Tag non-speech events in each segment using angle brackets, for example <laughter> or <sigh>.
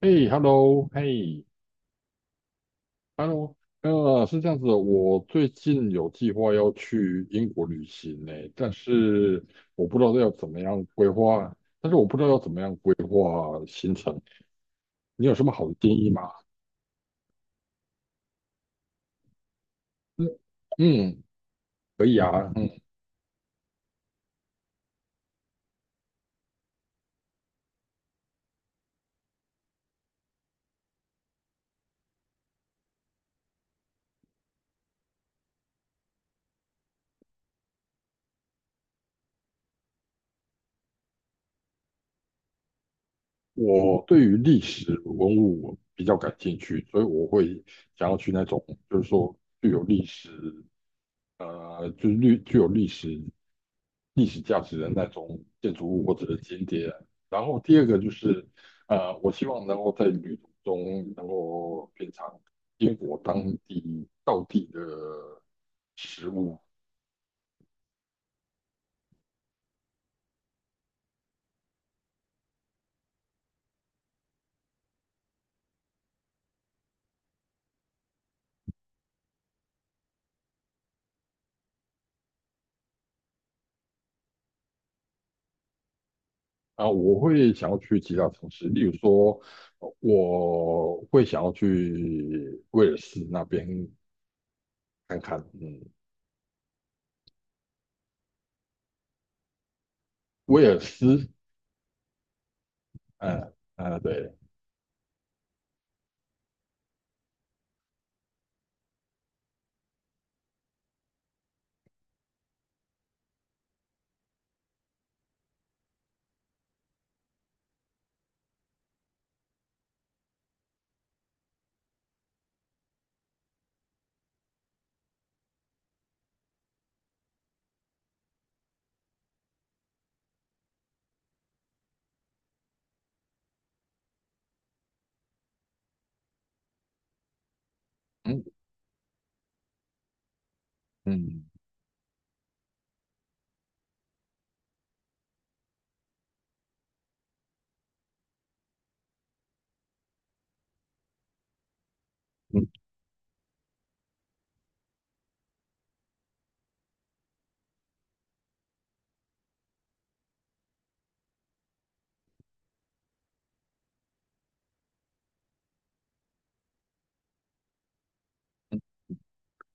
嘿，hello，嘿，hello，是这样子的，我最近有计划要去英国旅行呢，但是我不知道要怎么样规划，我不知道要怎么样规划行程，你有什么好的建议吗？嗯，嗯，可以啊，嗯，我对于历史文物比较感兴趣，所以我会想要去那种就是说具有历史。具有历史价值的那种建筑物或者是景点。然后第二个就是，我希望能够在旅途中能够品尝英国当地道地的食物。啊，我会想要去其他城市，例如说，我会想要去威尔士那边看看。嗯，威尔斯，嗯、嗯、对，嗯嗯。嗯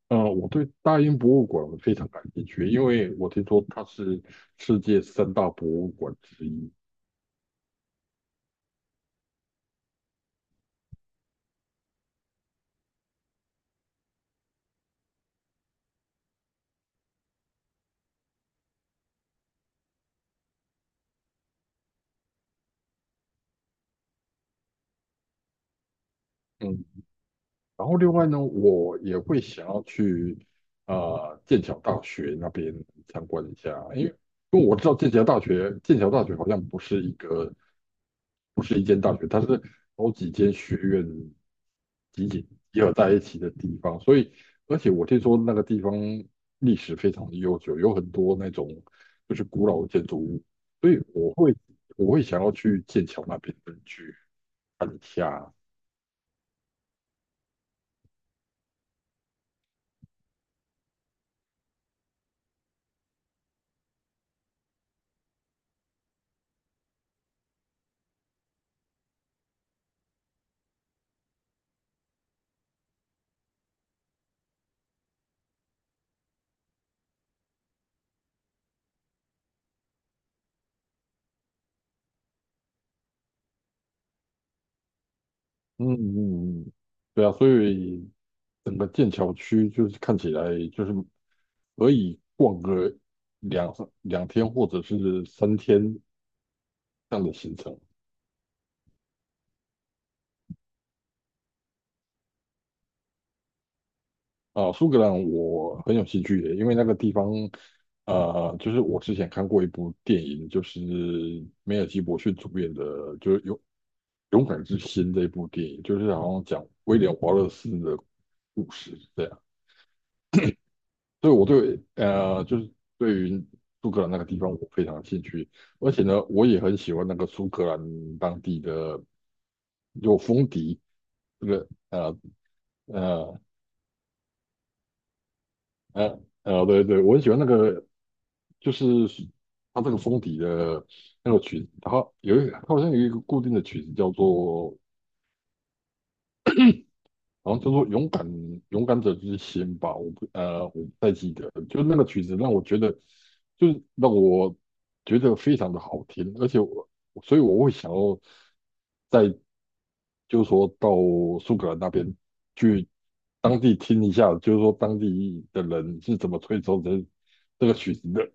我对大英博物馆非常感兴趣，因为我听说它是世界三大博物馆之一。嗯，然后另外呢，我也会想要去剑桥大学那边参观一下，因为我知道剑桥大学，好像不是一间大学，它是好几间学院集结集合在一起的地方，所以而且我听说那个地方历史非常的悠久，有很多那种就是古老的建筑物，所以我会想要去剑桥那边去看一下。嗯嗯嗯，对啊，所以整个剑桥区就是看起来就是可以逛个两两天或者是3天这样的行程啊。苏格兰我很有兴趣的，因为那个地方，就是我之前看过一部电影，就是梅尔吉伯逊主演的，就是勇敢之心》这一部电影，就是好像讲威廉华勒斯的故事这样。所以我就是对于苏格兰那个地方我非常兴趣，而且呢，我也很喜欢那个苏格兰当地的有风笛，这个呃对对，我很喜欢那个，就是它这个风笛的那个曲子，它好像有一个固定的曲子叫做然后他说：勇敢者之心吧，我不太记得了，就那个曲子让我觉得，就是让我觉得非常的好听，而且所以我会想要再就是说到苏格兰那边去当地听一下，就是说当地的人是怎么吹奏这个曲子的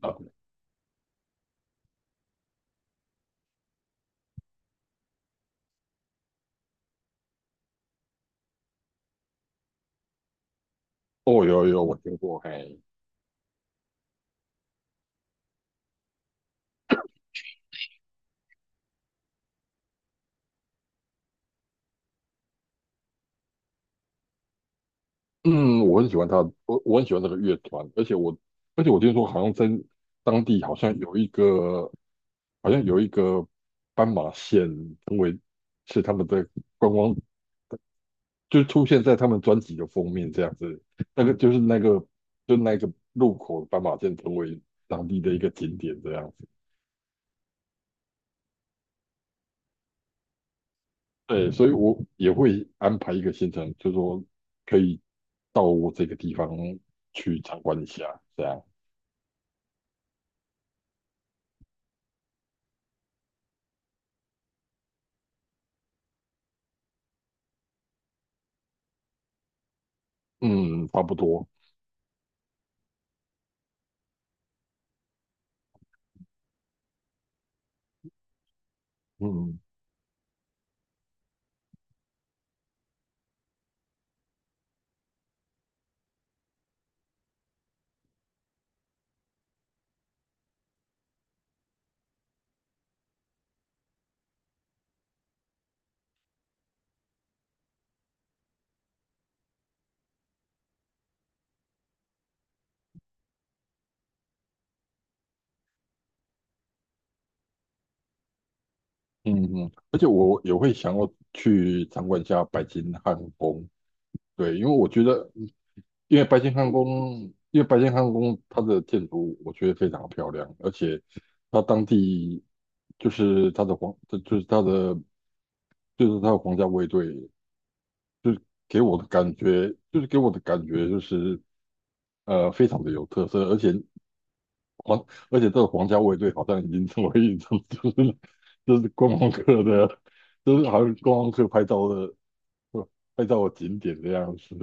啊。哦，有我听过，嘿，嗯，我很喜欢他，我很喜欢这个乐团，而且我听说好像在当地好像有一个。斑马线成为是他们的观光，就出现在他们专辑的封面这样子。那个就是那个就那个路口斑马线成为当地的一个景点这样子。对，所以我也会安排一个行程，就说可以到这个地方去参观一下，这样。嗯，差不多。嗯嗯嗯，而且我也会想要去参观一下北京汉宫。对，因为我觉得。因为白金汉宫它的建筑我觉得非常漂亮，而且它当地就是它的皇，就是它的就是它的皇家卫队给我的感觉就是非常的有特色，而且皇这个皇家卫队好像已经成为一种就是 <laughs> 就是观光客的，就是好像观光客拍照的景点这样子，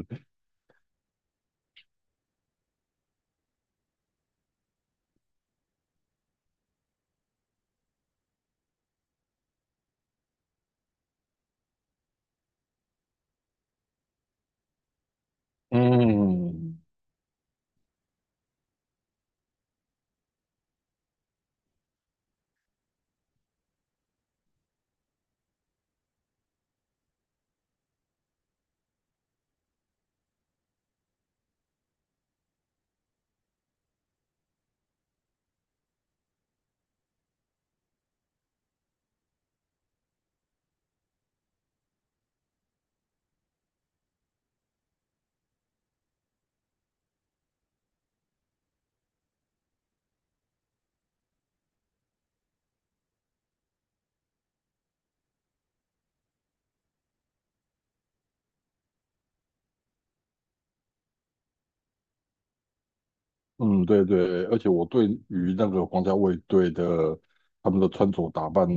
嗯。嗯，对对，而且我对于那个皇家卫队的他们的穿着打扮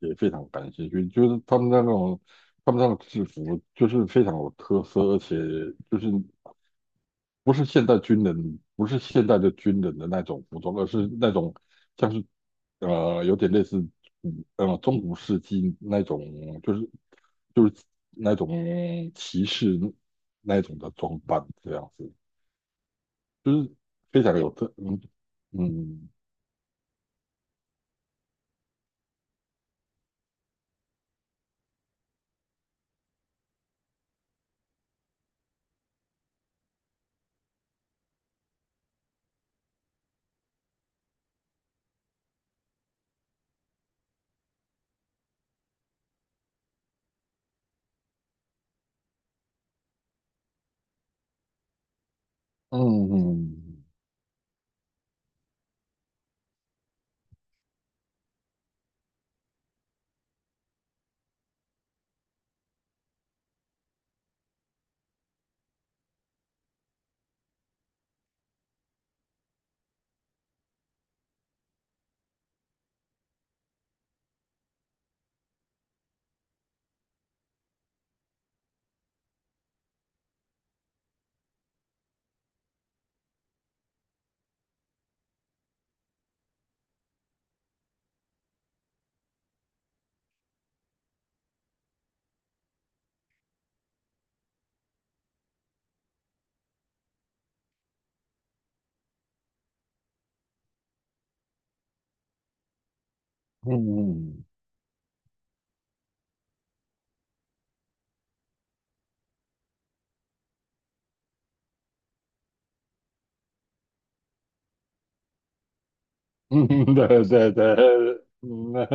也非常感兴趣，就是他们那个制服就是非常有特色，而且就是不是现代军人，不是现代的军人的那种服装，而是那种像是有点类似中古世纪那种，就是就是那种骑士那种的装扮这样子，就是非常有特。嗯，嗯嗯嗯，<laughs> 嗯，嗯 <laughs> 对对对，嗯，那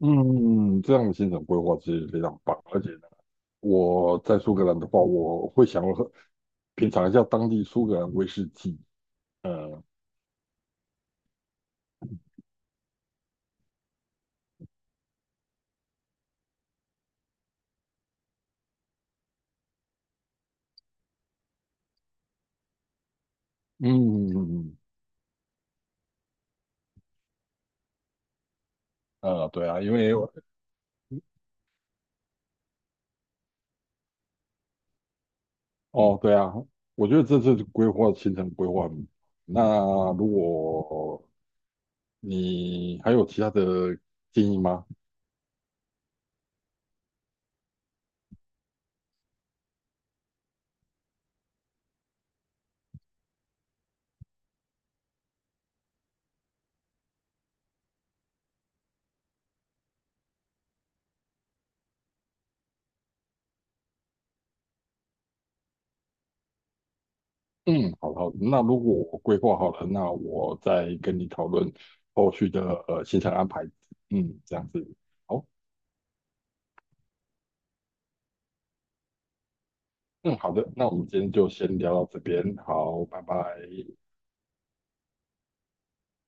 嗯，这样的行程规划其实非常棒，而且呢，我在苏格兰的话，我会想要品尝一下当地苏格兰威士忌。呃，嗯，对啊，哦，对啊，我觉得这次规划行程规划，那如果你还有其他的建议吗？嗯，好好那如果我规划好了，那我再跟你讨论后续的行程安排。嗯，这样子。好，嗯，好的，那我们今天就先聊到这边，好，拜拜。